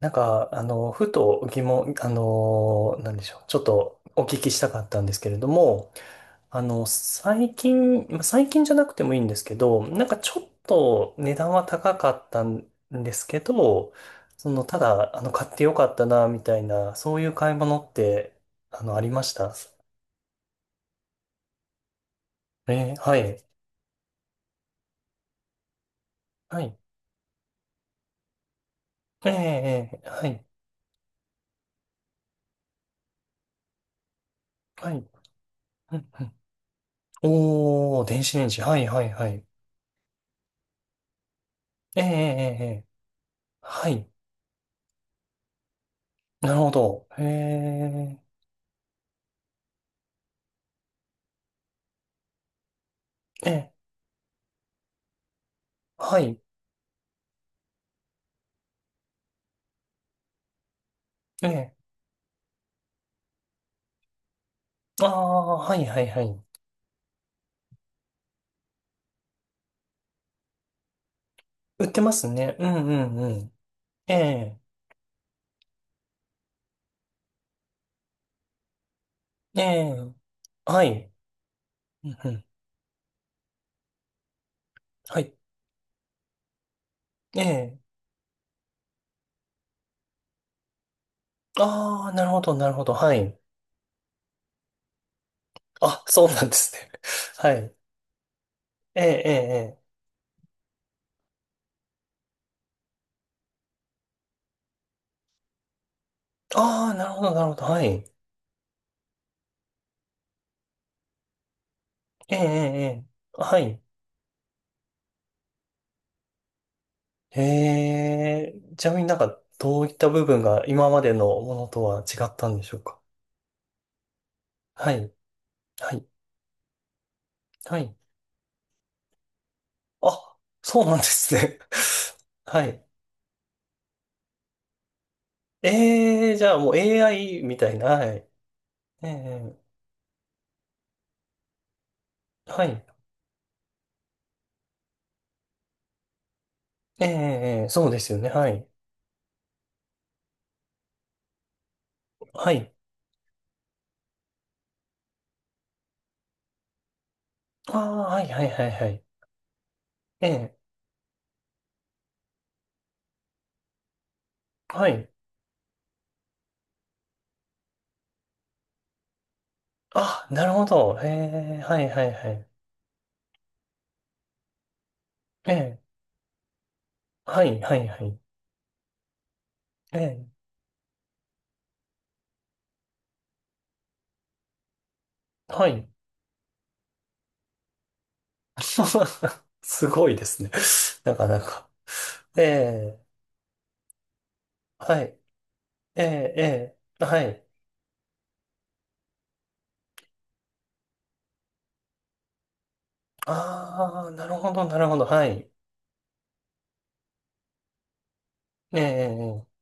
ふと疑問、なんでしょう。ちょっとお聞きしたかったんですけれども、最近、まあ最近じゃなくてもいいんですけど、ちょっと値段は高かったんですけど、その、ただ、買ってよかったな、みたいな、そういう買い物って、ありました。はい。はい。はい。はい。うんうん。おー、電子レンジ。はい、はい、はい。えーえーえーえはい。なるほど。へえ、ええ、はい、ええ、ああ、はいはいはい。売ってますね。うんうんうん。ええ、ええ、はい、うんうん、はい、ええ、ああ、なるほどなるほど、はい。あ、そうなんですね。はい、ええ、ええ、ええ。ああ、なるほどなるほど、はい。ええ、ええ、ええはい。へえ、ちなみにどういった部分が今までのものとは違ったんでしょうか。はい、はい、はい。あ、そうなんですね。はい。えー、じゃあもう AI みたいな。はい。ええはい。ええ、そうですよね。はい。はい。ああ、はいはいはいはい。ええはい。あ、なるほど。ええはいはいはい。ええはいはいはい。ええはい。すごいですね。なかなか。ええはい。ええええはい。ああ、なるほど、なるほど。はい。えええ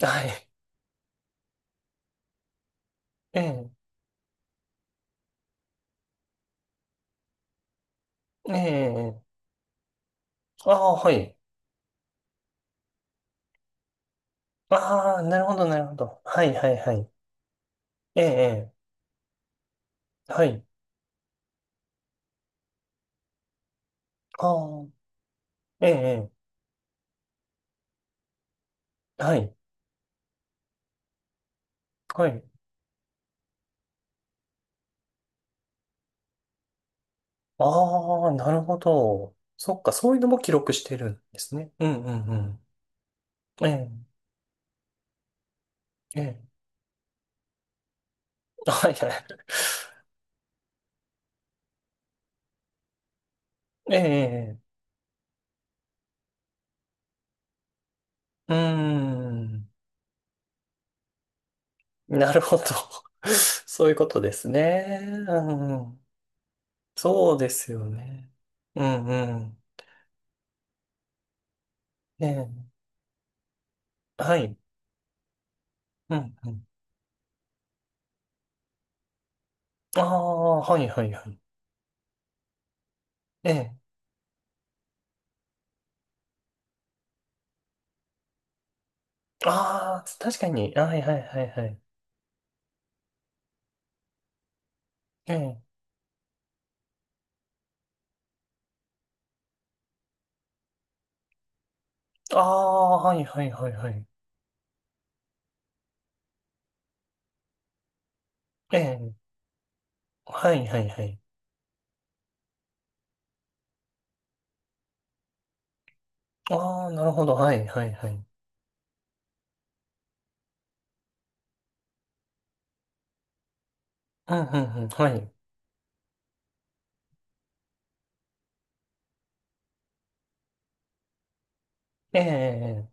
えはい。ええええ、ああ、はい。ああ、なるほど、なるほど。はい、はい、はい。ええ、ええはい。ああ、ええ、ええはい、はい。ああ、なるほど。そっか、そういうのも記録してるんですね。うん、うん、うん。ええ、ええ、はい、はい。ええ、ええ、うーん、なるほど。そういうことですね。うん、そうですよね。うん、うん。ええ、はい。うん、うん。ああ、はい、はい、はい。ええ、ああ、つ確かに。あ、はいはいはいはい。ええ。ああ、はいはいはいはい。ええ。はいはいはい。ああ、なるほど。はいはいはい。うんうんうん。はい。ええ。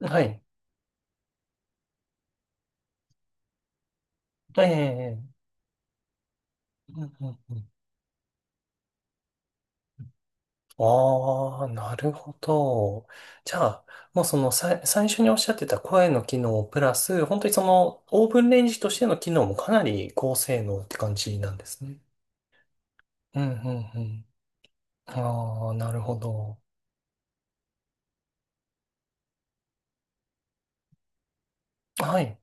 はい。ええ。うんうんうん。ああ、なるほど。じゃあ、もうそのさい、最初におっしゃってた声の機能プラス、本当にそのオーブンレンジとしての機能もかなり高性能って感じなんですね。うんうんうん。ああ、なるほど。はい。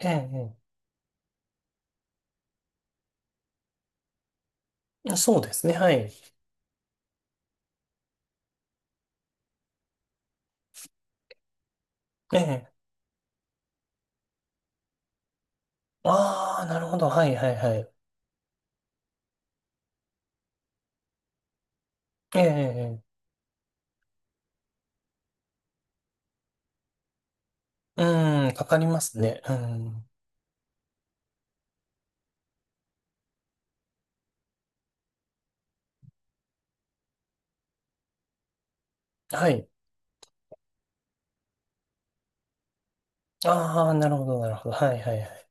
ええ、ええ。そうですね、はい。ええ。ああ、なるほど、はい、はい、はい。ええ、ええ。うん、かかりますね。うん。はい。ああ、なるほど、なるほど。はい、はい、はい。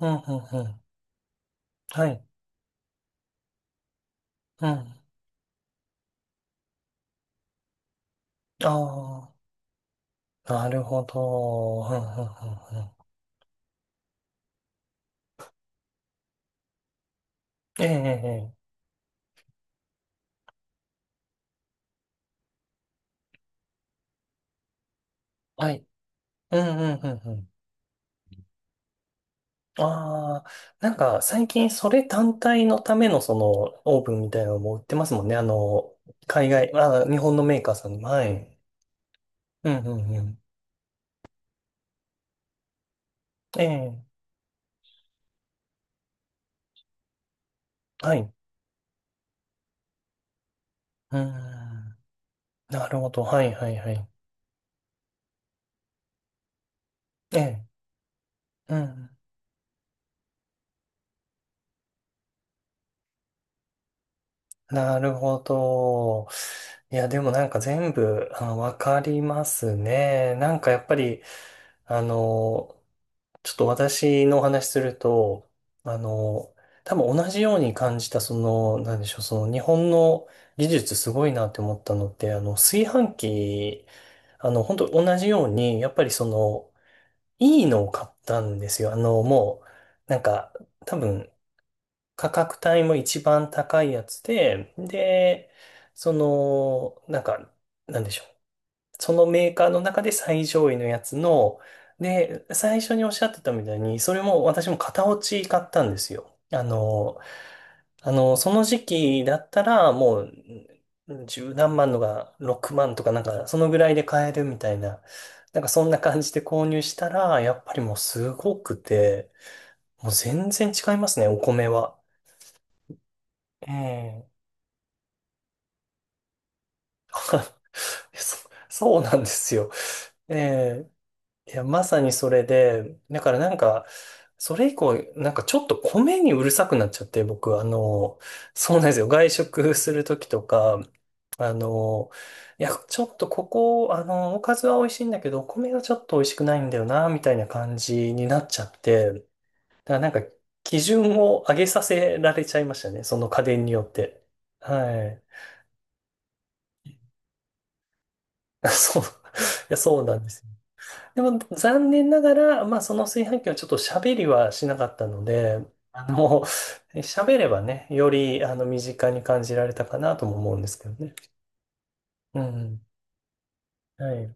うん、うん、うん。はい。うん。ああ、なるほど。うん、うん、うん、うん。ええ、ええ。ええはい。うん、うん、うん、うん。ああ、最近それ単体のためのそのオーブンみたいなのも売ってますもんね。海外、あー、日本のメーカーさんにも。はい。うん、うん、うん。ええ、はい。うーん。なるほど。はい、はい、はい。ええ、うん。なるほど。いや、でも全部、あ、わかりますね。やっぱり、あの、ちょっと私のお話すると、あの、多分同じように感じた、その、なんでしょう、その日本の技術すごいなって思ったのって、炊飯器、本当同じように、やっぱりその、いいのを買ったんですよ。もう、多分、価格帯も一番高いやつで、で、その、なんでしょう。そのメーカーの中で最上位のやつの、で、最初におっしゃってたみたいに、それも私も型落ち買ったんですよ。あの、その時期だったらもう、十何万のが6万とかなんか、そのぐらいで買えるみたいな、そんな感じで購入したら、やっぱりもうすごくて、もう全然違いますね、お米は。ええ。 そ、そうなんですよ。ええ、いや、まさにそれで、だからそれ以降、ちょっと米にうるさくなっちゃって、僕、そうなんですよ。外食するときとか、あの、いや、ちょっとここ、おかずは美味しいんだけど、お米がちょっと美味しくないんだよな、みたいな感じになっちゃって、だから基準を上げさせられちゃいましたね。その家電によって。はい。そう。いや、そうなんですよ。でも残念ながら、まあその炊飯器はちょっと喋りはしなかったので、あの、喋ればね、より身近に感じられたかなとも思うんですけどね。うん。はい。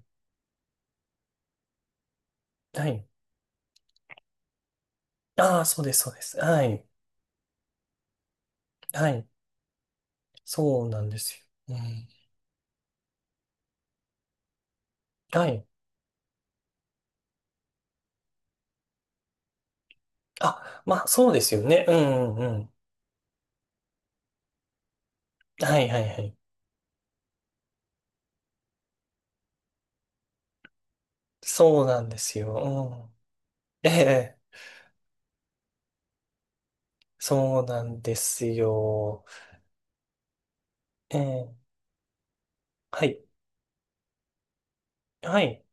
はい。ああ、そうです、そうです。はい。はい。そうなんですよ。うん。はい。あ、まあそうですよね。うんうんうん。はいはいはい。そうなんですよ。うん。ええ、そうなんですよ。ええ、はい。はい。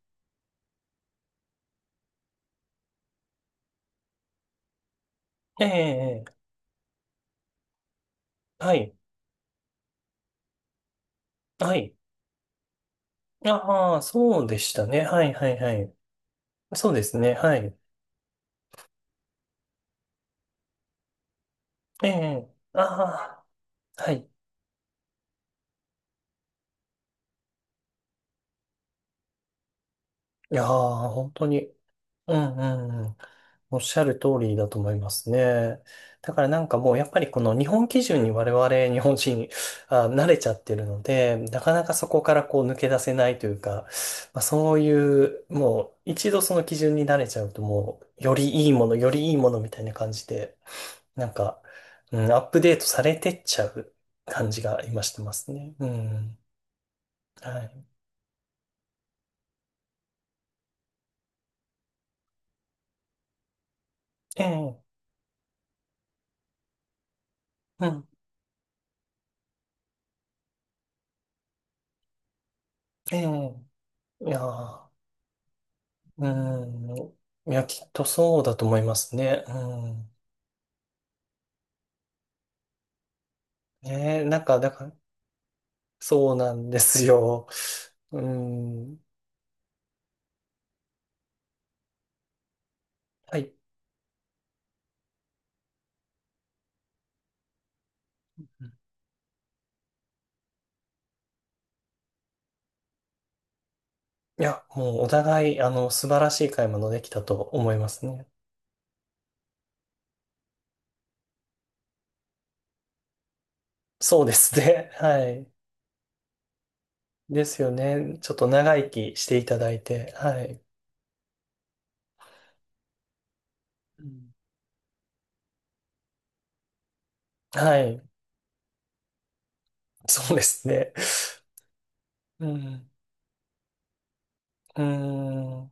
ええ、はい。はい。ああ、そうでしたね。はいはいはい。そうですね。はい。ええ。ああ、はい。いやー、本当に。うんうんうん。おっしゃる通りだと思いますね。だからもうやっぱりこの日本基準に我々日本人 あ、慣れちゃってるので、なかなかそこからこう抜け出せないというか、まあ、そういうもう一度その基準に慣れちゃうと、もうよりいいもの、よりいいものみたいな感じでなんか、うん、アップデートされてっちゃう感じが今してますね。うん。はい。ええ、うん、ええ、いやー、うん。いや、きっとそうだと思いますね。うん。ねえ、だから、そうなんですよ。うん。はい。いや、もうお互い、素晴らしい買い物できたと思いますね。そうですね。はい。ですよね。ちょっと長生きしていただいて。はい。うんはい。そうですね。うん。うん。